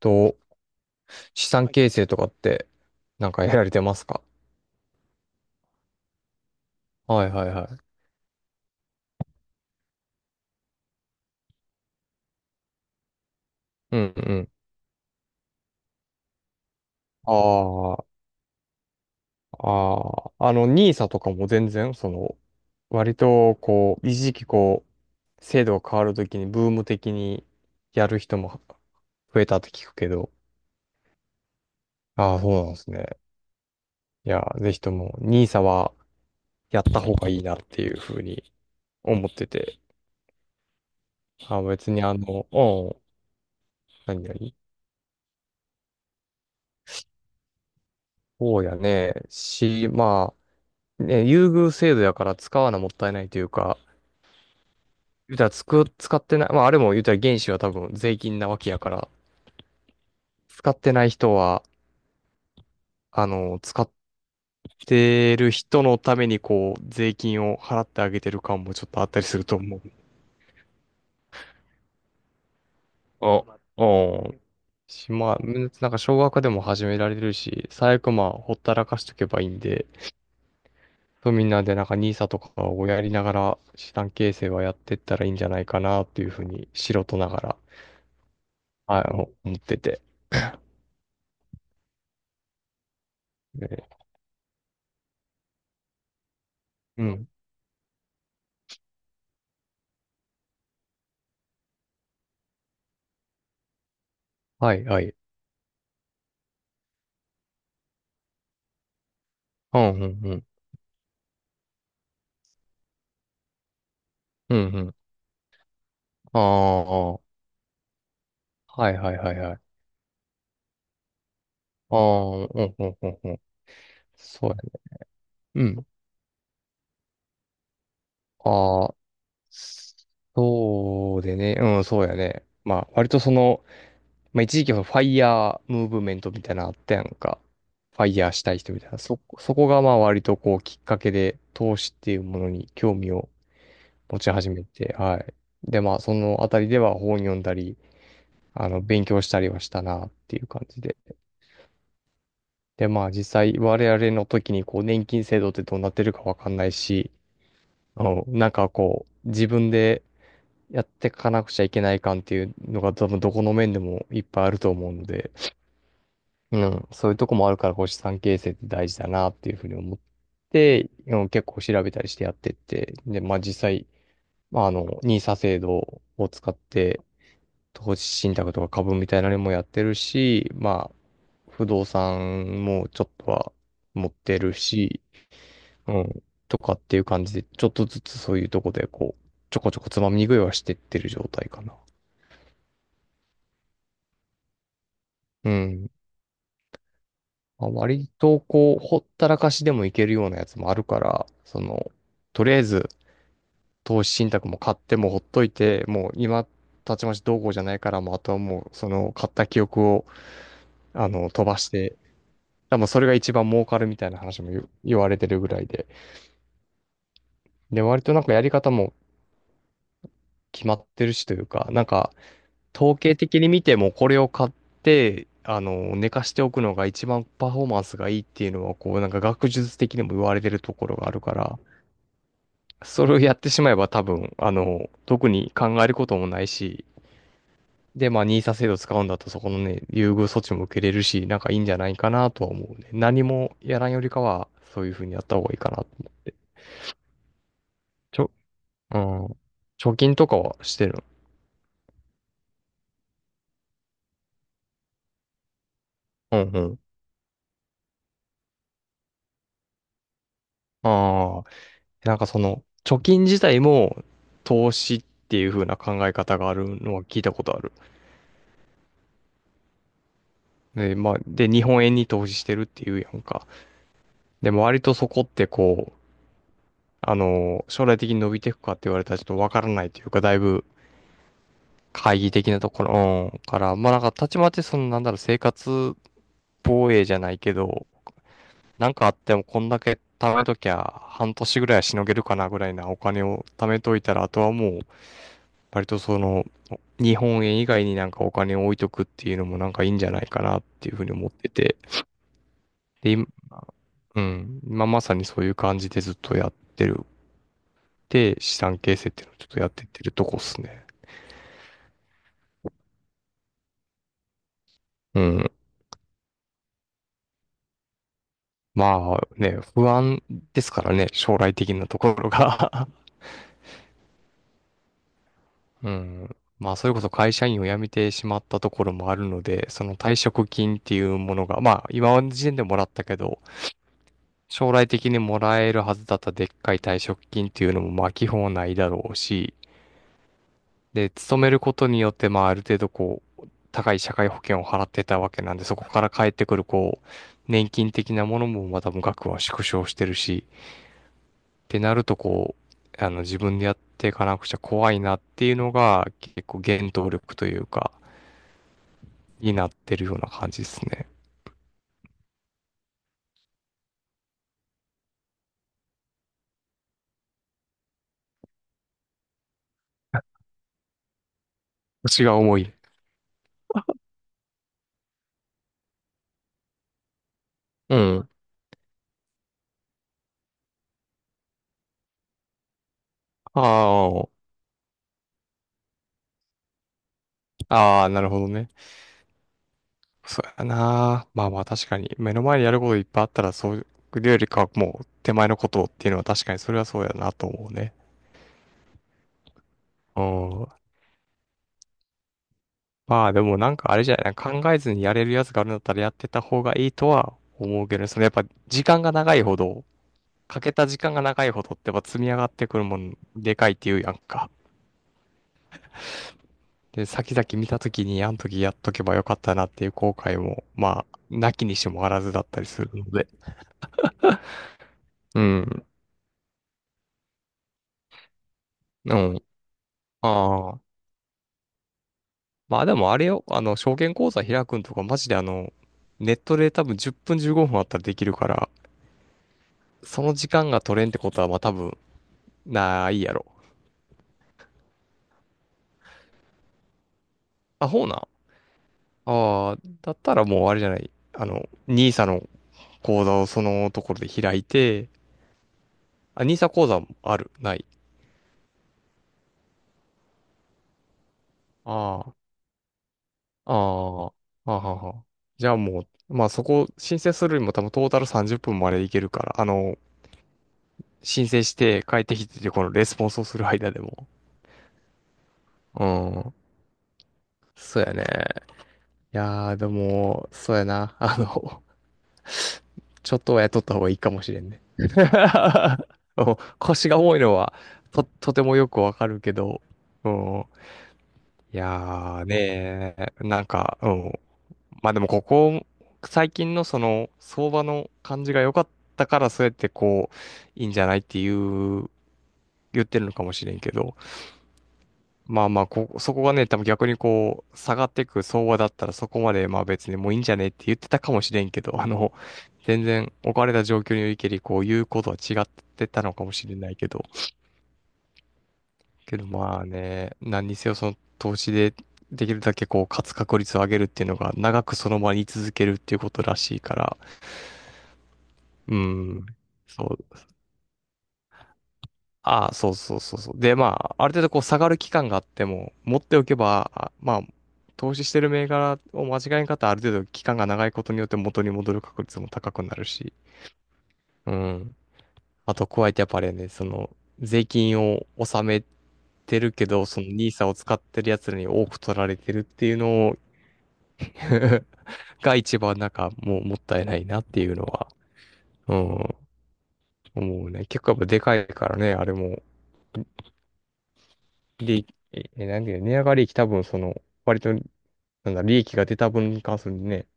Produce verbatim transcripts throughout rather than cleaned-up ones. と、資産形成とかってなんかやられてますか？はいはいはい。うんうん。ああ、ああ、あの、ニーサとかも全然、その、割と、こう、一時期、こう、制度が変わるときに、ブーム的にやる人も増えたって聞くけど。ああ、そうなんですね。いや、ぜひとも、ニー s はやった方がいいなっていうふうに思ってて。ああ、別にあの、うん、何々。そうやね。し、まあ、ね、優遇制度やから使わなもったいないというか、言うたらつく、使ってない、まああれも言うたら原資は多分税金なわけやから、使ってない人は、あの、使ってる人のためにこう、税金を払ってあげてる感もちょっとあったりすると思う。あ、ああ。し、まあ、むなんか少額でも始められるし、最悪まあ、ほったらかしとけばいいんで、そうみんなでなんか n i とかをやりながら資産形成はやってったらいいんじゃないかなっていうふうに素人ながら、あの、思ってて。え、うん。はい、はい。うん、うん、うん。うん、うん。ああ、はい、はい、はい、はい。ああ、うん、うん、うん、うん。そうやね。うん。ああ、そうでね。うん、そうやね。まあ、割とその、まあ、一時期はファイヤームーブメントみたいなのあったやんか。ファイヤーしたい人みたいな。そ、そこがまあ割とこうきっかけで、投資っていうものに興味を持ち始めて、はい。で、まあ、そのあたりでは本読んだり、あの、勉強したりはしたなっていう感じで。で、まあ実際我々の時にこう年金制度ってどうなってるかわかんないし、あの、なんかこう自分でやってかなくちゃいけない感っていうのが多分どこの面でもいっぱいあると思うので、うん、そういうとこもあるからこう資産形成って大事だなっていうふうに思って、うん、結構調べたりしてやってって、で、まあ実際、まああの、n i 制度を使って投資信託とか株みたいなのもやってるし、まあ不動産もちょっとは持ってるし、うん、とかっていう感じで、ちょっとずつそういうとこで、こう、ちょこちょこつまみ食いはしてってる状態かな。うん。まあ、割と、こう、ほったらかしでもいけるようなやつもあるから、その、とりあえず、投資信託も買ってもほっといて、もう今、たちまちどうこうじゃないから、もうあとはもう、その、買った記憶を、あの、飛ばして、多分それが一番儲かるみたいな話も言う言われてるぐらいで。で、割となんかやり方も決まってるしというか、なんか、統計的に見てもこれを買って、あの、寝かしておくのが一番パフォーマンスがいいっていうのは、こう、なんか学術的にも言われてるところがあるから、それをやってしまえば多分、あの、特に考えることもないし、で、まあ、ニーサ制度使うんだったらそこのね、優遇措置も受けれるし、なんかいいんじゃないかなとは思うね。何もやらんよりかは、そういうふうにやった方がいいかなと思って。ちょ、うん。貯金とかはしてるの？うんうん。ああ。なんかその、貯金自体も投資っていう風な考え方があるのは聞いたことある。で、まあ、で、日本円に投資してるっていうやんか。でも割とそこってこう、あの、将来的に伸びていくかって言われたらちょっとわからないというか、だいぶ懐疑的なところ、うんから、まあなんかたちまちその、なんだろう、生活防衛じゃないけど、なんかあってもこんだけ貯めときゃ半年ぐらいはしのげるかなぐらいなお金を貯めといたら、あとはもう、割とその、日本円以外になんかお金を置いとくっていうのもなんかいいんじゃないかなっていうふうに思ってて。で、今、うん、今まさにそういう感じでずっとやってる。で、資産形成っていうのをちょっとやってってるとこっすね。うん。まあね、不安ですからね、将来的なところが。 うん。まあ、それこそ会社員を辞めてしまったところもあるので、その退職金っていうものが、まあ、今の時点でもらったけど、将来的にもらえるはずだったでっかい退職金っていうのも、まあ、基本はないだろうし、で、勤めることによって、まあ、ある程度、こう、高い社会保険を払ってたわけなんで、そこから返ってくる、こう、年金的なものもまたも額は縮小してるし、ってなると、こう、あの、自分でやっていかなくちゃ怖いなっていうのが、結構原動力というか、になってるような感じですね。腰が重い。うん。ああ、ああ、なるほどね。そうやな。まあまあ確かに、目の前にやることいっぱいあったら、そういうよりかはもう手前のことっていうのは確かにそれはそうやなと思うね。うん。まあでもなんかあれじゃない、考えずにやれるやつがあるんだったらやってた方がいいとは思うけどね。そのやっぱ時間が長いほど、かけた時間が長いほどってやっぱ積み上がってくるもんでかいっていうやんか。で、先々見た時にあの時やっとけばよかったなっていう後悔も、まあ、なきにしもあらずだったりするので。うん。うん。ああ。まあでもあれよ、あの、証券口座開くんとかマジであの、ネットで多分じゅっぷんじゅうごふんあったらできるから、その時間が取れんってことはまあ多分ないやろ。あ、ほうな。ああ、だったらもうあれじゃない。あの、ニーサの口座をそのところで開いて、あ、ニーサ口座もある、ない？ああ、ああ、はあはあはあ。じゃあもう、まあそこ申請するよりも多分トータルさんじゅっぷんまでいけるから、あの、申請して帰ってきて、このレスポンスをする間でも。うん。そうやね。いやー、でも、そうやな。あの、ちょっとは雇った方がいいかもしれんね。うん、腰が重いのは、と、とてもよくわかるけど、うん。いやーねー、なんか、うん。まあでもここ、最近のその、相場の感じが良かったから、そうやってこう、いいんじゃないっていう、言ってるのかもしれんけど、まあまあ、こ、そこがね、多分逆にこう、下がってく相場だったらそこまでまあ別にもういいんじゃねって言ってたかもしれんけど、あの、全然置かれた状況においけり、こう、言うことは違ってたのかもしれないけど、けどまあね、何にせよその投資でできるだけこう、勝つ確率を上げるっていうのが長くその場に居続けるっていうことらしいから、うん、そう、ああ、そうそうそうそう。で、まあ、ある程度こう下がる期間があっても、持っておけば、あまあ、投資してる銘柄を間違えんかったらある程度期間が長いことによって元に戻る確率も高くなるし、うん。あと、加えてやっぱあれやね、その、税金を納めてるけど、そのニーサを使ってる奴らに多く取られてるっていうのを が一番なんかもうもったいないなっていうのは、うん、思うね。結構やっぱでかいからね、あれも。利益、え、えなんていうの、値上がり益多分その、割と、なんだ、利益が出た分に関するね、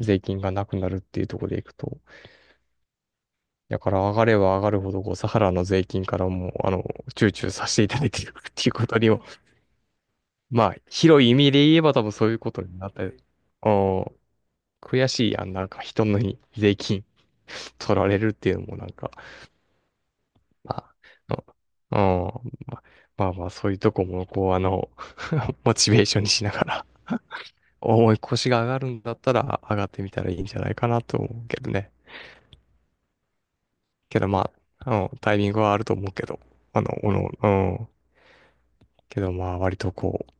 税金がなくなるっていうところでいくと、だから上がれば上がるほど、こう、サハラの税金からもう、あの、躊躇させていただいているっていうことにも、まあ、広い意味で言えば多分そういうことになった。おー悔しいやん、なんか人のに税金取られるっていうのもなんか、まあ、うん、うんまあまあまあ、そういうとこも、こう、あの、モチベーションにしながら重い腰が上がるんだったら上がってみたらいいんじゃないかなと思うけどね。けどまあ、あの、タイミングはあると思うけど、あの、おの、うん。けどまあ割とこう、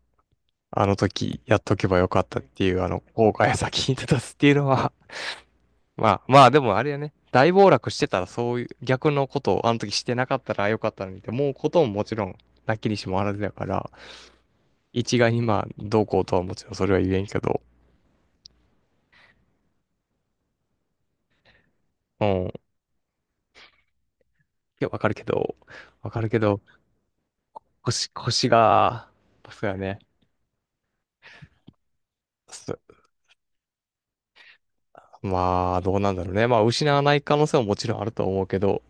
あの時やっとけばよかったっていう、あの、後悔が先に立たすっていうのは、まあまあでもあれやね、大暴落してたらそういう逆のことをあの時してなかったらよかったのにって思うことももちろんなきにしもあらずだから、一概にまあどうこうとはもちろんそれは言えんけど、うん。いや、わかるけど、わかるけど、腰、腰が、そうやね。すまあ、どうなんだろうね。まあ、失わない可能性ももちろんあると思うけど、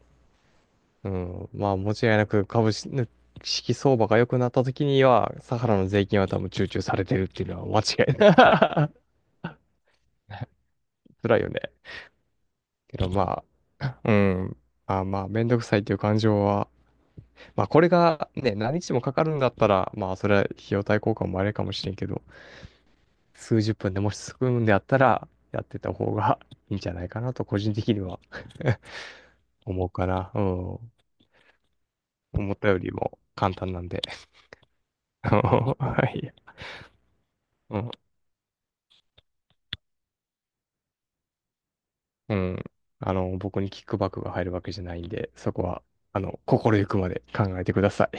うん、まあ、間違いなく株式相場が良くなった時には、サハラの税金は多分集中されてるっていうのは間違いない。辛いよね。けどまあ、うん。まあまあ、めんどくさいっていう感情は、まあ、これがね、何日もかかるんだったら、まあ、それは費用対効果もあれかもしれんけど、すうじゅっぷんでもし進むんであったら、やってた方がいいんじゃないかなと、個人的には 思うかな。うん。思ったよりも簡単なんで。はい。うん。うん。あの、僕にキックバックが入るわけじゃないんで、そこは、あの、心ゆくまで考えてください。